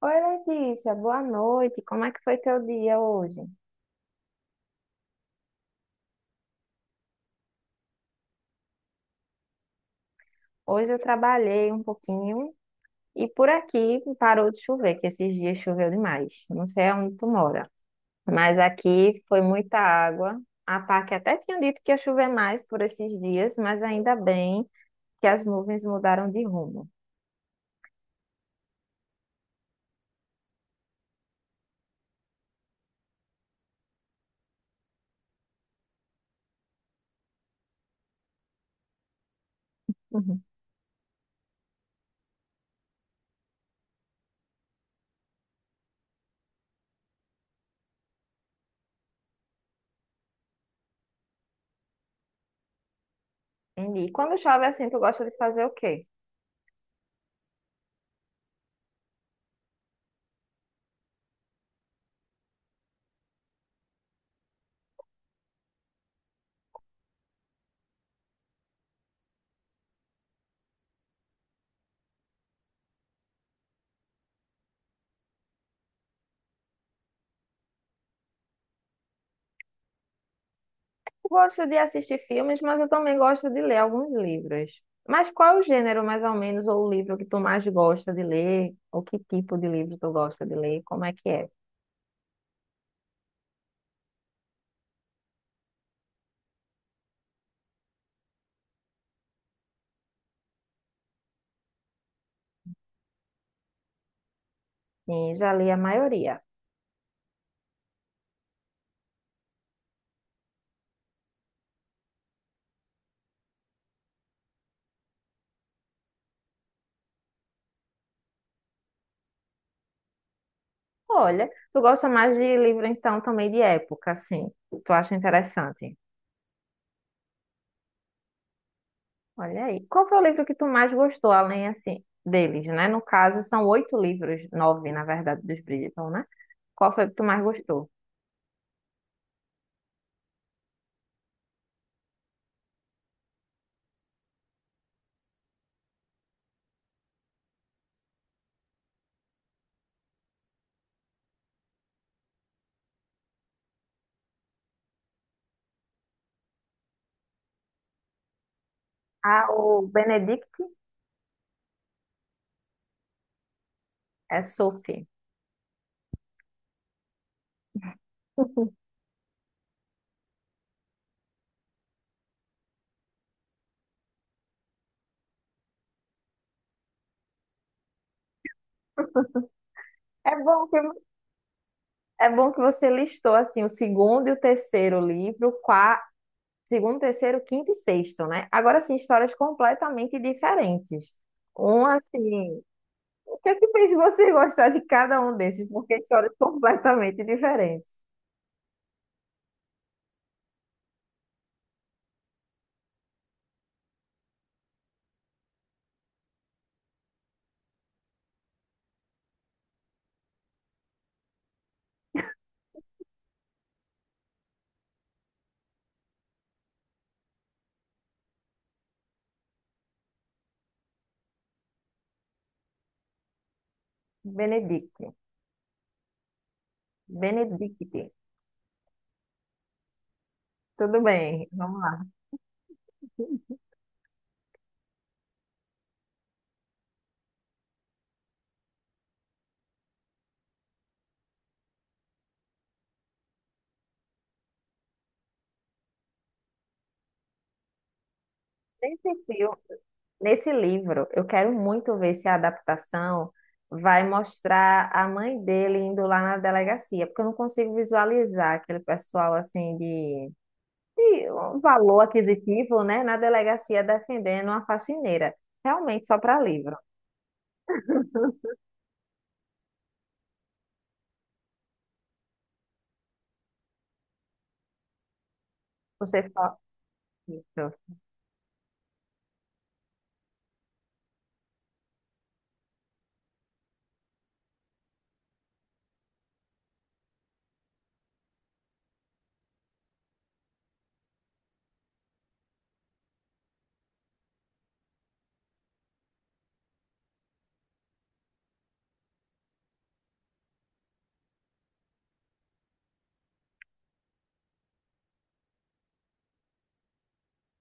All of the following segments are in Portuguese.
Oi, Letícia, boa noite. Como é que foi teu dia hoje? Hoje eu trabalhei um pouquinho e por aqui parou de chover, que esses dias choveu demais. Não sei onde tu mora, mas aqui foi muita água. A PAC até tinha dito que ia chover mais por esses dias, mas ainda bem que as nuvens mudaram de rumo. Uhum. Entendi. E quando chove assim, tu gosta de fazer o quê? Gosto de assistir filmes, mas eu também gosto de ler alguns livros. Mas qual é o gênero, mais ou menos, ou o livro que tu mais gosta de ler? Ou que tipo de livro tu gosta de ler? Como é que é? Sim, já li a maioria. Olha, tu gosta mais de livro, então, também de época, assim. Tu acha interessante. Olha aí. Qual foi o livro que tu mais gostou, além, assim, deles, né? No caso, são oito livros, nove, na verdade, dos Bridgerton, né? Qual foi o que tu mais gostou? Ah, o Benedict é Sophie. É bom que É bom que você listou assim o segundo e o terceiro livro, segundo, terceiro, quinto e sexto, né? Agora sim, histórias completamente diferentes. Um assim, o que é que fez você gostar de cada um desses? Porque histórias completamente diferentes. Benedict, Benedict. Tudo bem, vamos lá. Nem sei Nesse livro, eu quero muito ver se a adaptação vai mostrar a mãe dele indo lá na delegacia, porque eu não consigo visualizar aquele pessoal assim de um valor aquisitivo, né, na delegacia defendendo uma faxineira. Realmente só para livro. Você só isso.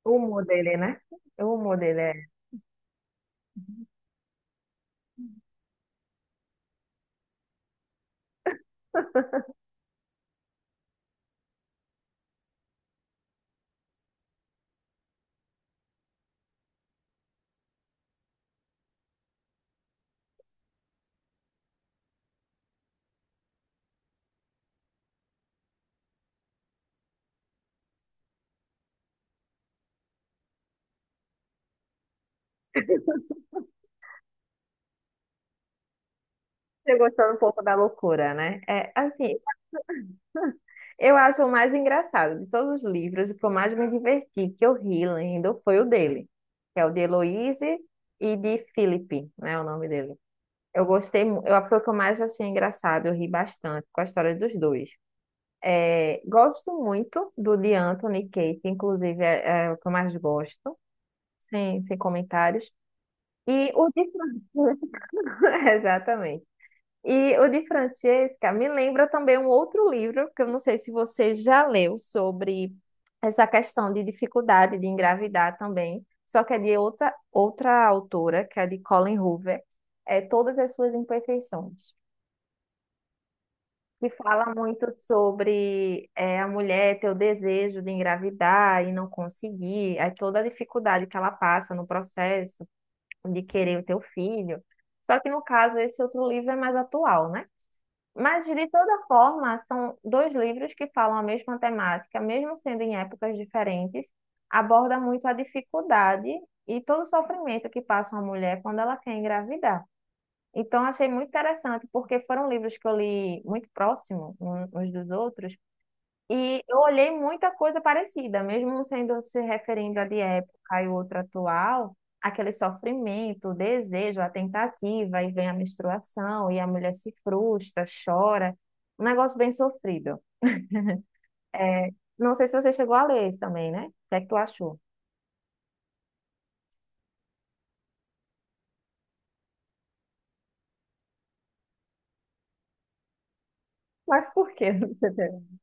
O humor dele, né? O humor dele é. Você gostou um pouco da loucura, né? É, assim, eu acho o mais engraçado de todos os livros, o que eu mais me diverti, que eu ri lendo, foi o dele, que é o de Heloise e de Felipe, né, o nome dele. Eu gostei, foi o que eu mais achei engraçado, eu ri bastante com a história dos dois. É, gosto muito do de Anthony e Kate, inclusive é o que eu mais gosto, sem comentários. E o de Francis, exatamente. E o de Francesca me lembra também um outro livro, que eu não sei se você já leu, sobre essa questão de dificuldade de engravidar também, só que é de outra autora, que é de Colleen Hoover, é Todas as Suas Imperfeições, que fala muito sobre a mulher ter o desejo de engravidar e não conseguir, aí toda a dificuldade que ela passa no processo de querer o teu filho. Só que no caso, esse outro livro é mais atual, né? Mas, de toda forma, são dois livros que falam a mesma temática, mesmo sendo em épocas diferentes, aborda muito a dificuldade e todo o sofrimento que passa uma mulher quando ela quer engravidar. Então, achei muito interessante, porque foram livros que eu li muito próximo uns dos outros, e eu olhei muita coisa parecida, mesmo sendo se referindo a de época e outro atual, aquele sofrimento, o desejo, a tentativa, e vem a menstruação, e a mulher se frustra, chora, um negócio bem sofrido. É, não sei se você chegou a ler isso também, né? O que é que tu achou? Mas por que você teve?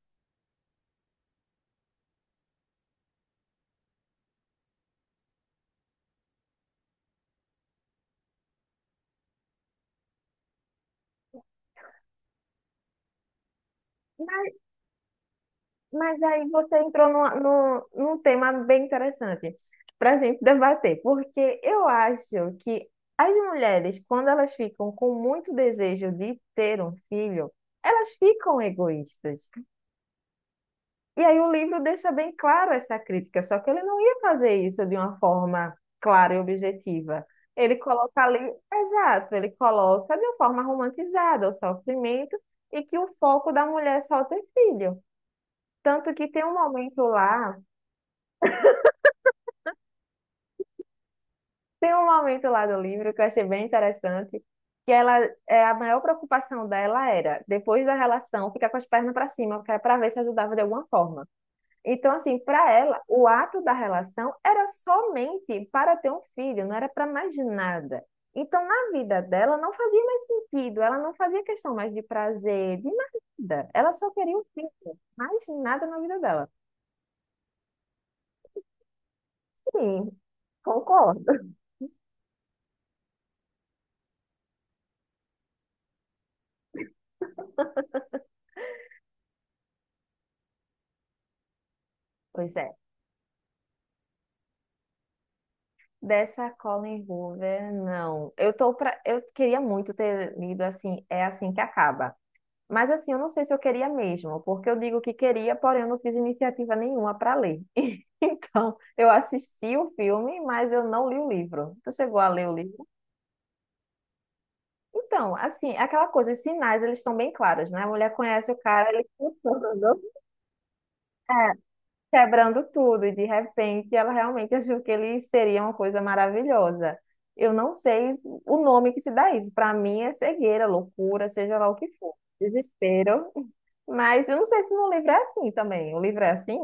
Mas aí você entrou no no num tema bem interessante para a gente debater, porque eu acho que as mulheres, quando elas ficam com muito desejo de ter um filho, elas ficam egoístas. E aí o livro deixa bem claro essa crítica, só que ele não ia fazer isso de uma forma clara e objetiva. Ele coloca ali, exato, ele coloca de uma forma romantizada o sofrimento e que o foco da mulher é só ter filho. Tanto que tem um momento lá. Tem um momento lá do livro que eu achei bem interessante, que a maior preocupação dela era, depois da relação, ficar com as pernas para cima, para ver se ajudava de alguma forma. Então, assim, para ela, o ato da relação era somente para ter um filho, não era para mais nada. Então, na vida dela, não fazia mais sentido, ela não fazia questão mais de prazer, de nada. Ela só queria um filho, mais nada na vida dela. Sim, concordo. Pois é. Dessa Colin Hoover, não. Eu tô pra... eu queria muito ter lido assim, é assim que acaba. Mas assim, eu não sei se eu queria mesmo, porque eu digo que queria, porém eu não fiz iniciativa nenhuma para ler. Então, eu assisti o filme, mas eu não li o livro. Tu chegou a ler o livro? Então, assim, é aquela coisa, os sinais, eles estão bem claros, né? A mulher conhece o cara, ele quebrando tudo, e de repente ela realmente achou que ele seria uma coisa maravilhosa. Eu não sei o nome que se dá isso. Para mim é cegueira, loucura, seja lá o que for, desespero. Mas eu não sei se no livro é assim também. O livro é assim?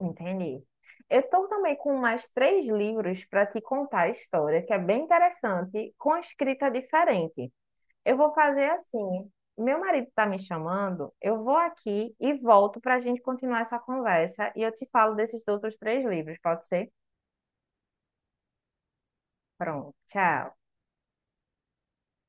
Entendi. Eu estou também com mais três livros para te contar a história, que é bem interessante, com escrita diferente. Eu vou fazer assim. Meu marido está me chamando, eu vou aqui e volto para a gente continuar essa conversa e eu te falo desses outros três livros, pode ser? Pronto, tchau.